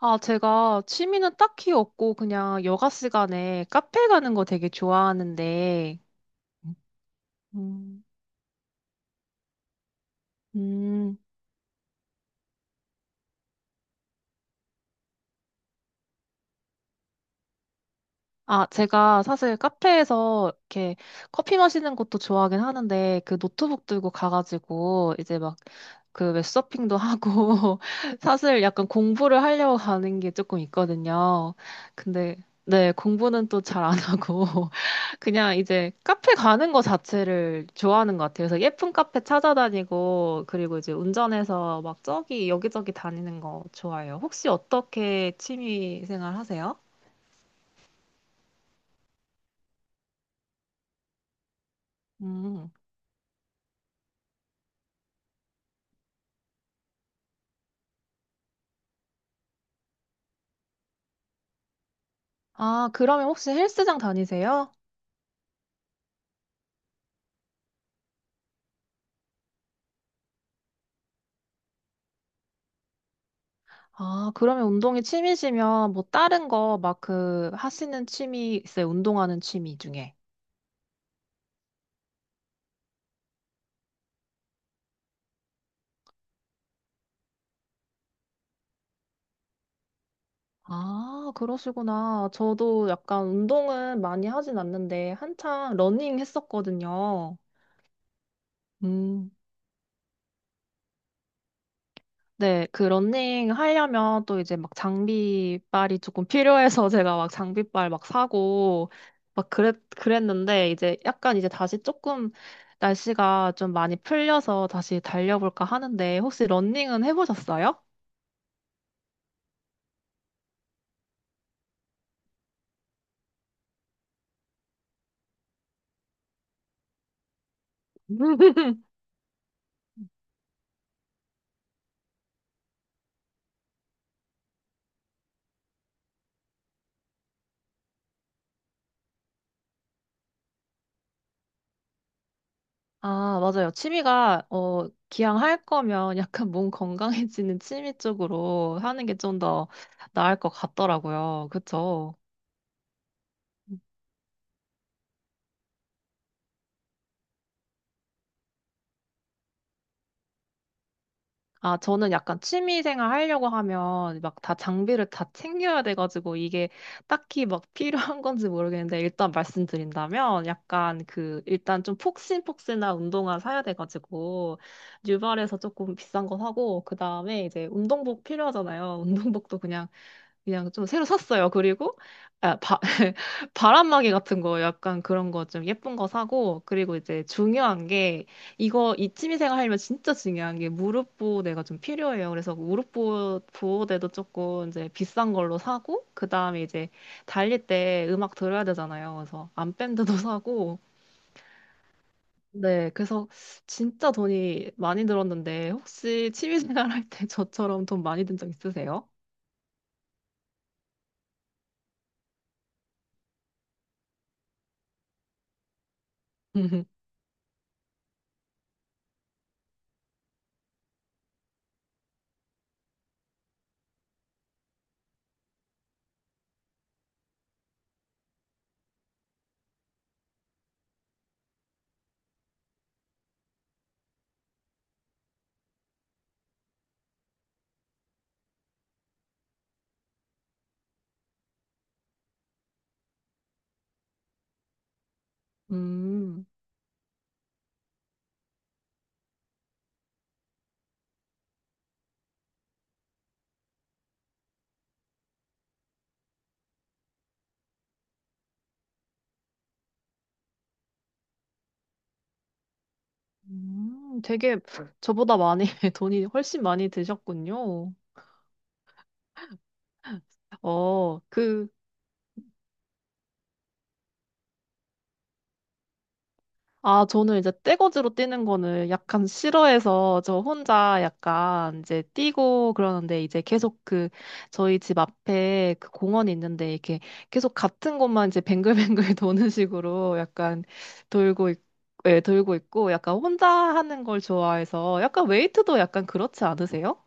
아, 제가 취미는 딱히 없고 그냥 여가 시간에 카페 가는 거 되게 좋아하는데, 음, 음, 아, 제가 사실 카페에서 이렇게 커피 마시는 것도 좋아하긴 하는데 그 노트북 들고 가가지고 이제 막 그 웹서핑도 하고 사실 약간 공부를 하려고 가는 게 조금 있거든요. 근데 네, 공부는 또 잘 안 하고 그냥 이제 카페 가는 거 자체를 좋아하는 것 같아요. 그래서 예쁜 카페 찾아다니고, 그리고 이제 운전해서 막 저기 여기저기 다니는 거 좋아해요. 혹시 어떻게 취미 생활 하세요? 음. 아, 그러면 혹시 헬스장 다니세요? 아, 그러면 운동이 취미시면 뭐 다른 거 막 그 하시는 취미 있어요? 운동하는 취미 중에. 아, 그러시구나. 저도 약간 운동은 많이 하진 않는데 한창 러닝 했었거든요. 음. 네, 그 러닝 하려면 또 이제 막 장비빨이 조금 필요해서 제가 막 장비빨 막 사고 막 그랬는데 이제 약간 이제 다시 조금 날씨가 좀 많이 풀려서 다시 달려볼까 하는데 혹시 러닝은 해보셨어요? 아, 맞아요. 취미가, 어, 기왕 할 거면 약간 몸 건강해지는 취미 쪽으로 하는 게 좀 더 나을 것 같더라고요. 그쵸? 아, 저는 약간 취미 생활 하려고 하면 막 다 장비를 다 챙겨야 돼가지고 이게 딱히 막 필요한 건지 모르겠는데 일단 말씀드린다면 약간 그 일단 좀 폭신폭신한 운동화 사야 돼가지고 뉴발에서 조금 비싼 거 사고 그 다음에 이제 운동복 필요하잖아요. 운동복도 그냥 좀 새로 샀어요. 그리고 아, 바람막이 같은 거 약간 그런 거 좀 예쁜 거 사고 그리고 이제 중요한 게 이거 이 취미생활 하려면 진짜 중요한 게 무릎 보호대가 좀 필요해요. 그래서 무릎 보호대도 조금 이제 비싼 걸로 사고 그다음에 이제 달릴 때 음악 들어야 되잖아요. 그래서 암밴드도 사고 네, 그래서 진짜 돈이 많이 들었는데 혹시 취미생활 할 때 저처럼 돈 많이 든 적 있으세요? 음. 되게 저보다 많이, 돈이 훨씬 많이 드셨군요. 어, 그, 아, 저는 이제 떼거지로 뛰는 거는 약간 싫어해서 저 혼자 약간 이제 뛰고 그러는데 이제 계속 그 저희 집 앞에 그 공원이 있는데 이렇게 계속 같은 곳만 이제 뱅글뱅글 도는 식으로 약간 돌고 있, 예, 돌고 있고 약간 혼자 하는 걸 좋아해서 약간 웨이트도 약간 그렇지 않으세요?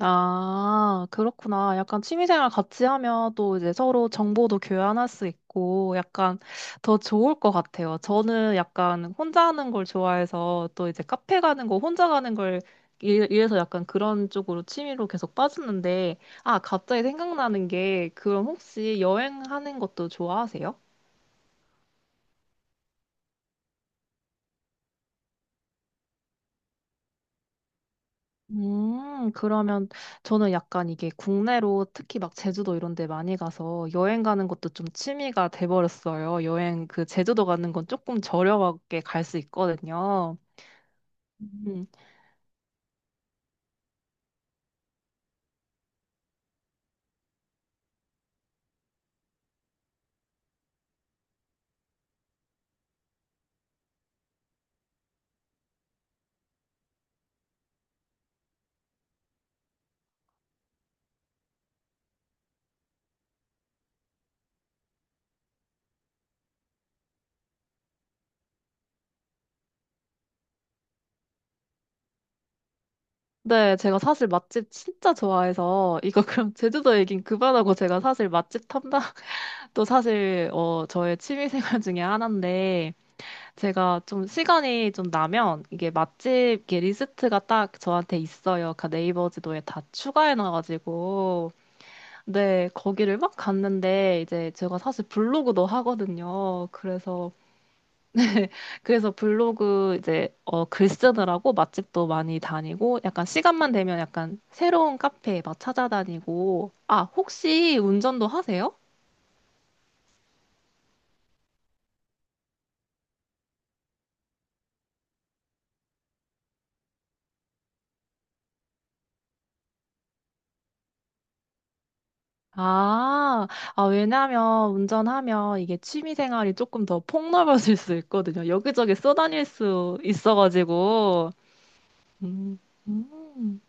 아, 그렇구나. 약간 취미생활 같이 하면 또 이제 서로 정보도 교환할 수 있고 약간 더 좋을 것 같아요. 저는 약간 혼자 하는 걸 좋아해서 또 이제 카페 가는 거 혼자 가는 걸 이래서 약간 그런 쪽으로 취미로 계속 빠졌는데 아, 갑자기 생각나는 게 그럼 혹시 여행하는 것도 좋아하세요? 그러면 저는 약간 이게 국내로 특히 막 제주도 이런 데 많이 가서 여행 가는 것도 좀 취미가 돼버렸어요. 여행 그 제주도 가는 건 조금 저렴하게 갈 수 있거든요. 음. 네, 제가 사실 맛집 진짜 좋아해서 이거 그럼 제주도 얘긴 그만하고 제가 사실 맛집 탐방도 사실 어, 저의 취미 생활 중에 하나인데 제가 좀 시간이 좀 나면 이게 맛집 이렇게 리스트가 딱 저한테 있어요. 그 네이버 지도에 다 추가해놔가지고. 네, 거기를 막 갔는데 이제 제가 사실 블로그도 하거든요. 그래서, 네, 그래서 블로그 이제 어, 글 쓰느라고 맛집도 많이 다니고 약간 시간만 되면 약간 새로운 카페 막 찾아다니고. 아, 혹시 운전도 하세요? 아, 아, 왜냐면 운전하면 이게 취미 생활이 조금 더 폭넓어질 수 있거든요. 여기저기 쏘다닐 수 있어가지고. 음. 음.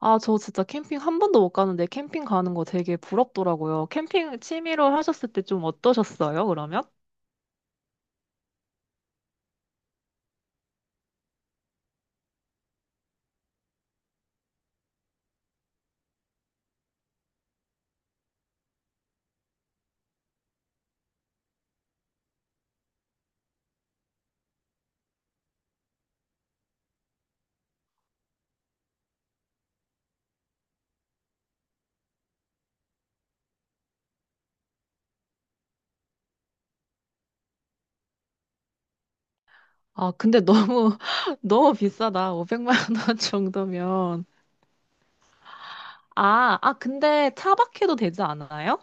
아, 저 진짜 캠핑 한 번도 못 가는데 캠핑 가는 거 되게 부럽더라고요. 캠핑 취미로 하셨을 때 좀 어떠셨어요, 그러면? 아, 근데 너무, 너무 비싸다. 500만 원 정도면. 아, 아, 근데 차박해도 되지 않아요?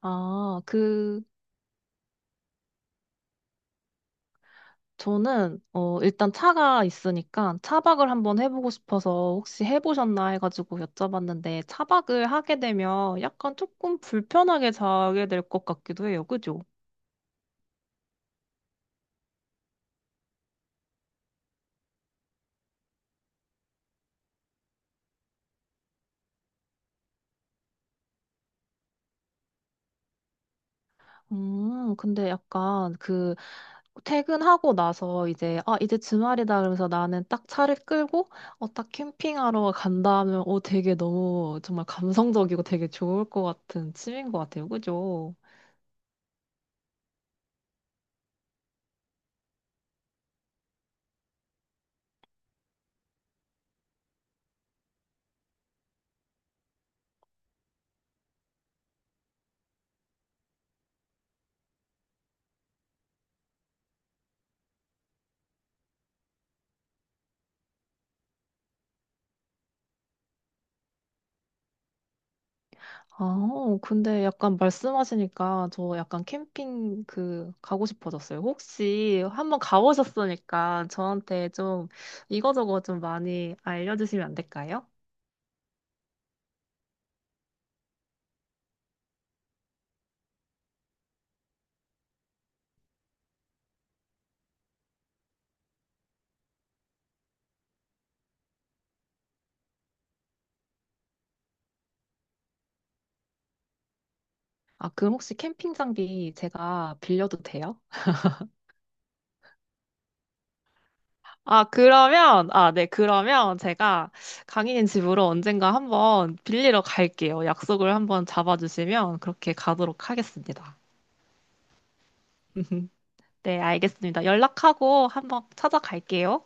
아, 그, 저는 어 일단 차가 있으니까 차박을 한번 해보고 싶어서 혹시 해보셨나 해가지고 여쭤봤는데 차박을 하게 되면 약간 조금 불편하게 자게 될 것 같기도 해요. 그죠? 근데 약간 그 퇴근하고 나서 이제 아 이제 주말이다 그러면서 나는 딱 차를 끌고 어 딱 캠핑하러 간다 하면 어 되게 너무 정말 감성적이고 되게 좋을 것 같은 취미인 것 같아요. 그죠? 아, 어, 근데 약간 말씀하시니까 저 약간 캠핑 그 가고 싶어졌어요. 혹시 한번 가보셨으니까 저한테 좀 이거저거 좀 많이 알려주시면 안 될까요? 아, 그럼 혹시 캠핑 장비 제가 빌려도 돼요? 아, 그러면, 아, 네, 그러면 제가 강희님 집으로 언젠가 한번 빌리러 갈게요. 약속을 한번 잡아주시면 그렇게 가도록 하겠습니다. 네, 알겠습니다. 연락하고 한번 찾아갈게요.